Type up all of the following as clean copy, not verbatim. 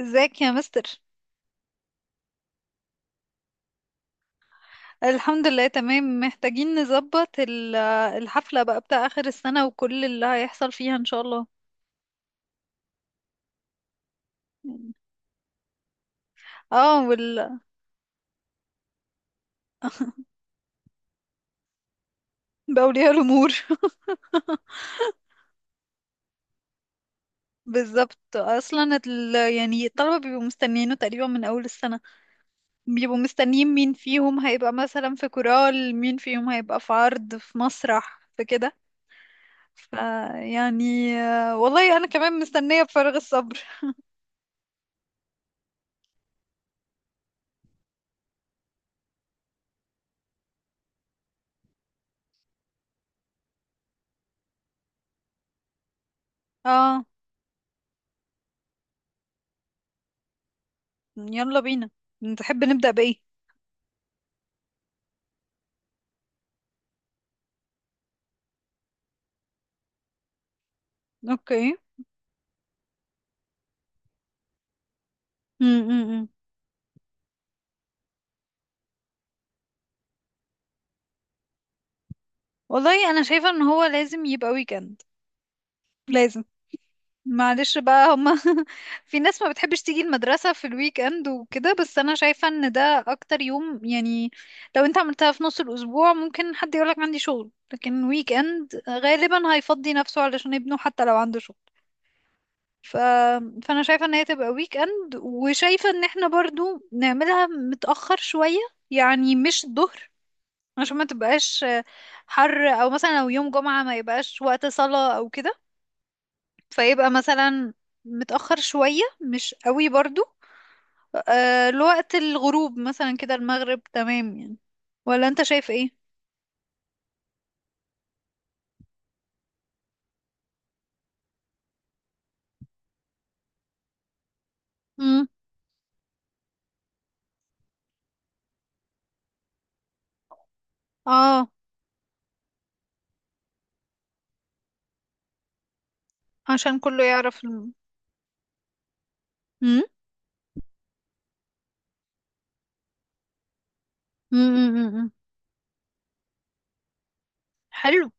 ازيك يا مستر؟ الحمد لله تمام. محتاجين نظبط الحفلة بقى بتاع آخر السنة وكل اللي هيحصل فيها ان شاء الله. اه. بأولياء الأمور. بالظبط. اصلا يعني الطلبة بيبقوا مستنيينه تقريبا من اول السنة. بيبقوا مستنيين مين فيهم هيبقى مثلا في كورال، مين فيهم هيبقى في عرض، في مسرح، في كده. ف يعني والله انا كمان مستنية بفارغ الصبر. اه. يلا بينا، تحب نبدأ بإيه؟ اوكي. م -م -م. والله انا شايفه ان هو لازم يبقى ويكند. لازم. معلش بقى هما. في ناس ما بتحبش تيجي المدرسه في الويك اند وكده، بس انا شايفه ان ده اكتر يوم يعني. لو انت عملتها في نص الاسبوع ممكن حد يقولك عندي شغل، لكن ويك اند غالبا هيفضي نفسه علشان ابنه حتى لو عنده شغل. ف... فانا شايفه ان هي تبقى ويك اند، وشايفه ان احنا برضو نعملها متاخر شويه. يعني مش الظهر، عشان ما تبقاش حر، او مثلا لو يوم جمعة ما يبقاش وقت صلاة او كده. فيبقى مثلا متأخر شوية، مش قوي برضو، لوقت الغروب مثلا، كده المغرب تمام يعني. ولا انت شايف ايه؟ امم. اه. عشان كله يعرف امم. امم. حلو.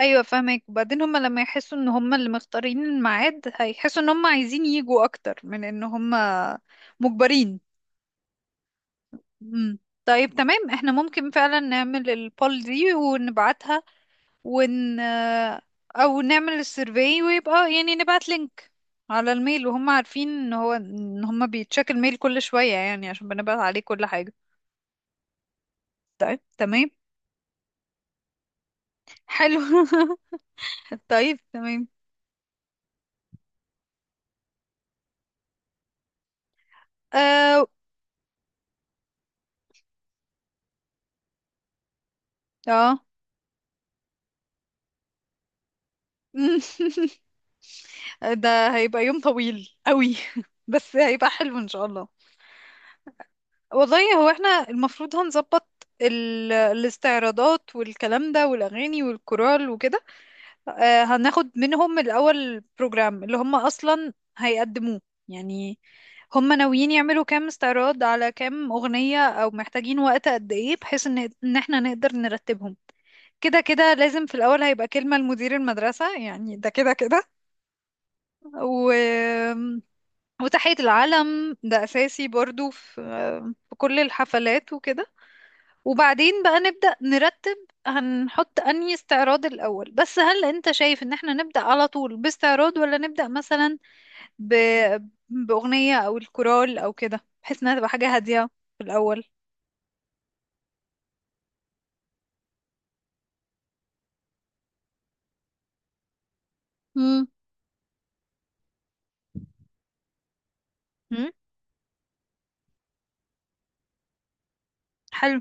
ايوه فاهمك. وبعدين هما لما يحسوا ان هما اللي مختارين الميعاد، هيحسوا ان هما عايزين يجوا اكتر من ان هما مجبرين. مم. طيب تمام. احنا ممكن فعلا نعمل البول دي ونبعتها، ون او نعمل السيرفي، ويبقى يعني نبعت لينك على الميل. وهم عارفين ان هم بيتشيك الميل كل شوية يعني عشان بنبعت عليه كل حاجة. طيب تمام. حلو. طيب تمام. اه، اه. ده هيبقى يوم طويل قوي. بس هيبقى حلو ان شاء الله. والله هو احنا المفروض هنظبط الاستعراضات والكلام ده والاغاني والكورال وكده. هناخد منهم الاول بروجرام اللي هم اصلا هيقدموه يعني. هم ناويين يعملوا كام استعراض، على كام اغنية، او محتاجين وقت قد ايه، بحيث ان احنا نقدر نرتبهم. كده كده لازم في الأول هيبقى كلمة لمدير المدرسة يعني، ده كده كده. و... وتحية العلم ده أساسي برضو في كل الحفلات وكده. وبعدين بقى نبدأ نرتب. هنحط أنهي استعراض الأول؟ بس هل أنت شايف إن احنا نبدأ على طول باستعراض، ولا نبدأ مثلا ب... بأغنية أو الكورال أو كده، بحيث إنها تبقى حاجة هادية في الأول؟ مم. مم. حلو.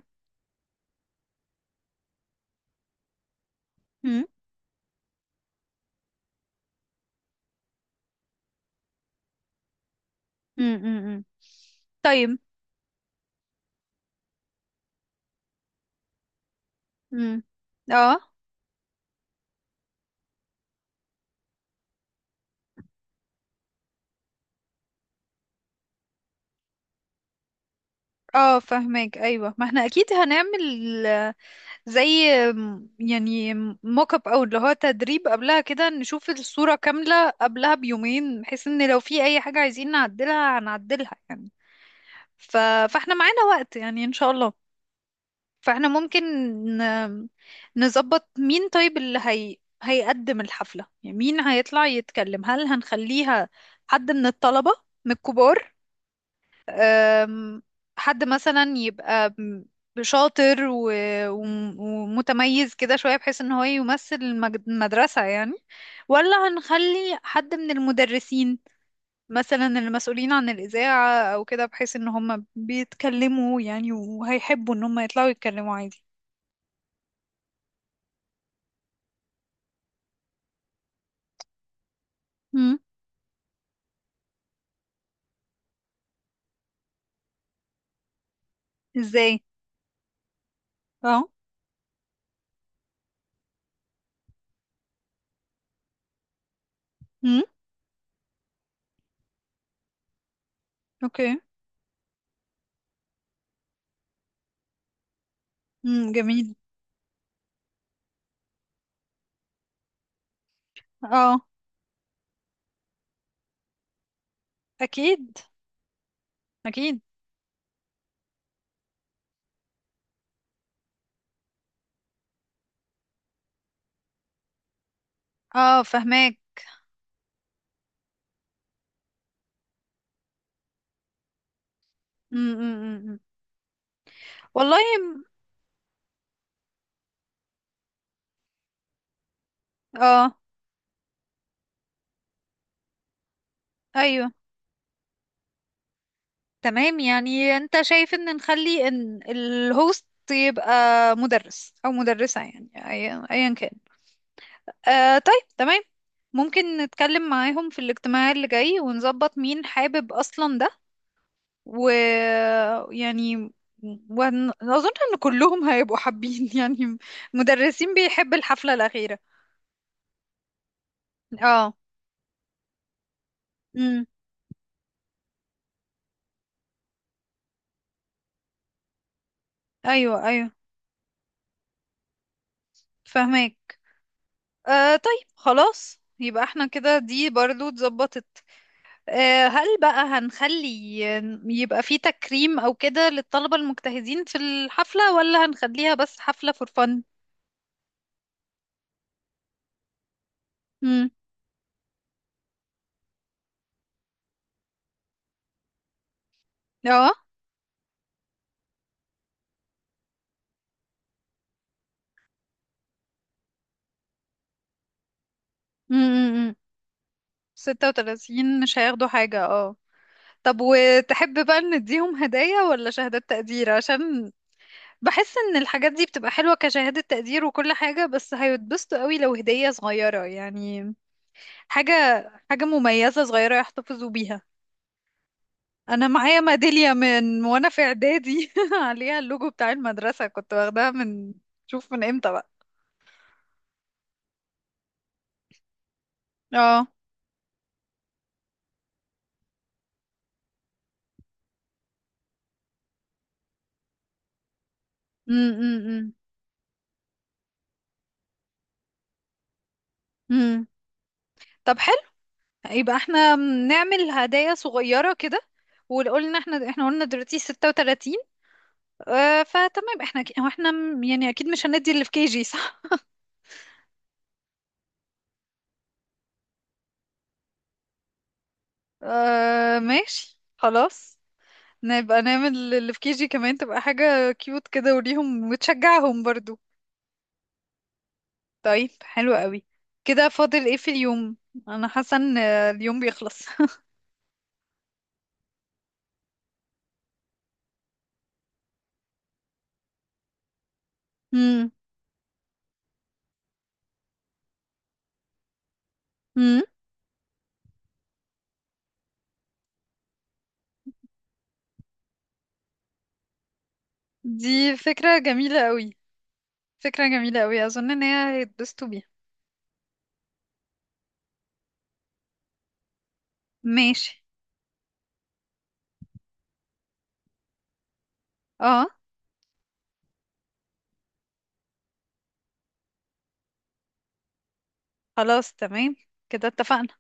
مم. مم. مم. مم. طيب. مم. اه، اه، فهمك. ايوه، ما احنا اكيد هنعمل زي يعني موك اب، او اللي هو تدريب قبلها كده، نشوف الصورة كاملة قبلها بيومين، بحيث ان لو في اي حاجة عايزين نعدلها هنعدلها يعني. ف... فاحنا معانا وقت يعني ان شاء الله. فاحنا ممكن ن... نظبط مين طيب اللي هيقدم الحفلة، يعني مين هيطلع يتكلم. هل هنخليها حد من الطلبة، من الكبار، أم، حد مثلا يبقى شاطر ومتميز كده شوية، بحيث ان هو يمثل المدرسة يعني. ولا هنخلي حد من المدرسين، مثلا المسؤولين عن الإذاعة او كده، بحيث ان هم بيتكلموا يعني وهيحبوا ان هم يطلعوا يتكلموا عادي؟ مم. ازاي؟ اه. مم. اوكي. مم. جميل. اه. اكيد، اكيد. اه، فهماك. مم. مم. مم. مم. والله اه، ايوه تمام. يعني انت شايف ان نخلي ان الهوست يبقى مدرس او مدرسة يعني أيا كان. طيب تمام، ممكن نتكلم معاهم في الاجتماع اللي جاي ونظبط مين حابب اصلا ده، ويعني واظن ان كلهم هيبقوا حابين. يعني مدرسين بيحب الحفلة الأخيرة. اه. امم. ايوه، ايوه، فهمك. طيب خلاص، يبقى احنا كده دي برضو اتظبطت. هل بقى هنخلي يبقى في تكريم أو كده للطلبة المجتهدين في الحفلة، ولا هنخليها بس حفلة فور فن؟ امم. اه. امم. 36 مش هياخدوا حاجة. اه. طب وتحب بقى نديهم هدايا ولا شهادات تقدير؟ عشان بحس ان الحاجات دي بتبقى حلوة كشهادة تقدير وكل حاجة، بس هيتبسطوا قوي لو هدية صغيرة يعني. حاجة حاجة مميزة صغيرة يحتفظوا بيها. انا معايا ميداليه من وانا في اعدادي، عليها اللوجو بتاع المدرسه. كنت واخداها من، شوف من امتى بقى. اه. امم. امم. طب حلو. يبقى احنا نعمل هدايا صغيره كده. وقلنا، احنا قلنا دلوقتي 36. فتمام. احنا هو احنا يعني اكيد مش هندي اللي في كي جي، صح؟ آه، ماشي. خلاص نبقى نعمل اللي في كي جي كمان، تبقى حاجه كيوت كده وليهم وتشجعهم برضو. طيب حلو قوي. كده فاضل ايه في اليوم؟ انا حاسه ان اليوم بيخلص. امم. امم. دي فكره جميله قوي، فكره جميله قوي. اظن ان هي هيتبسطوا بيها. ماشي. اه خلاص تمام كده اتفقنا.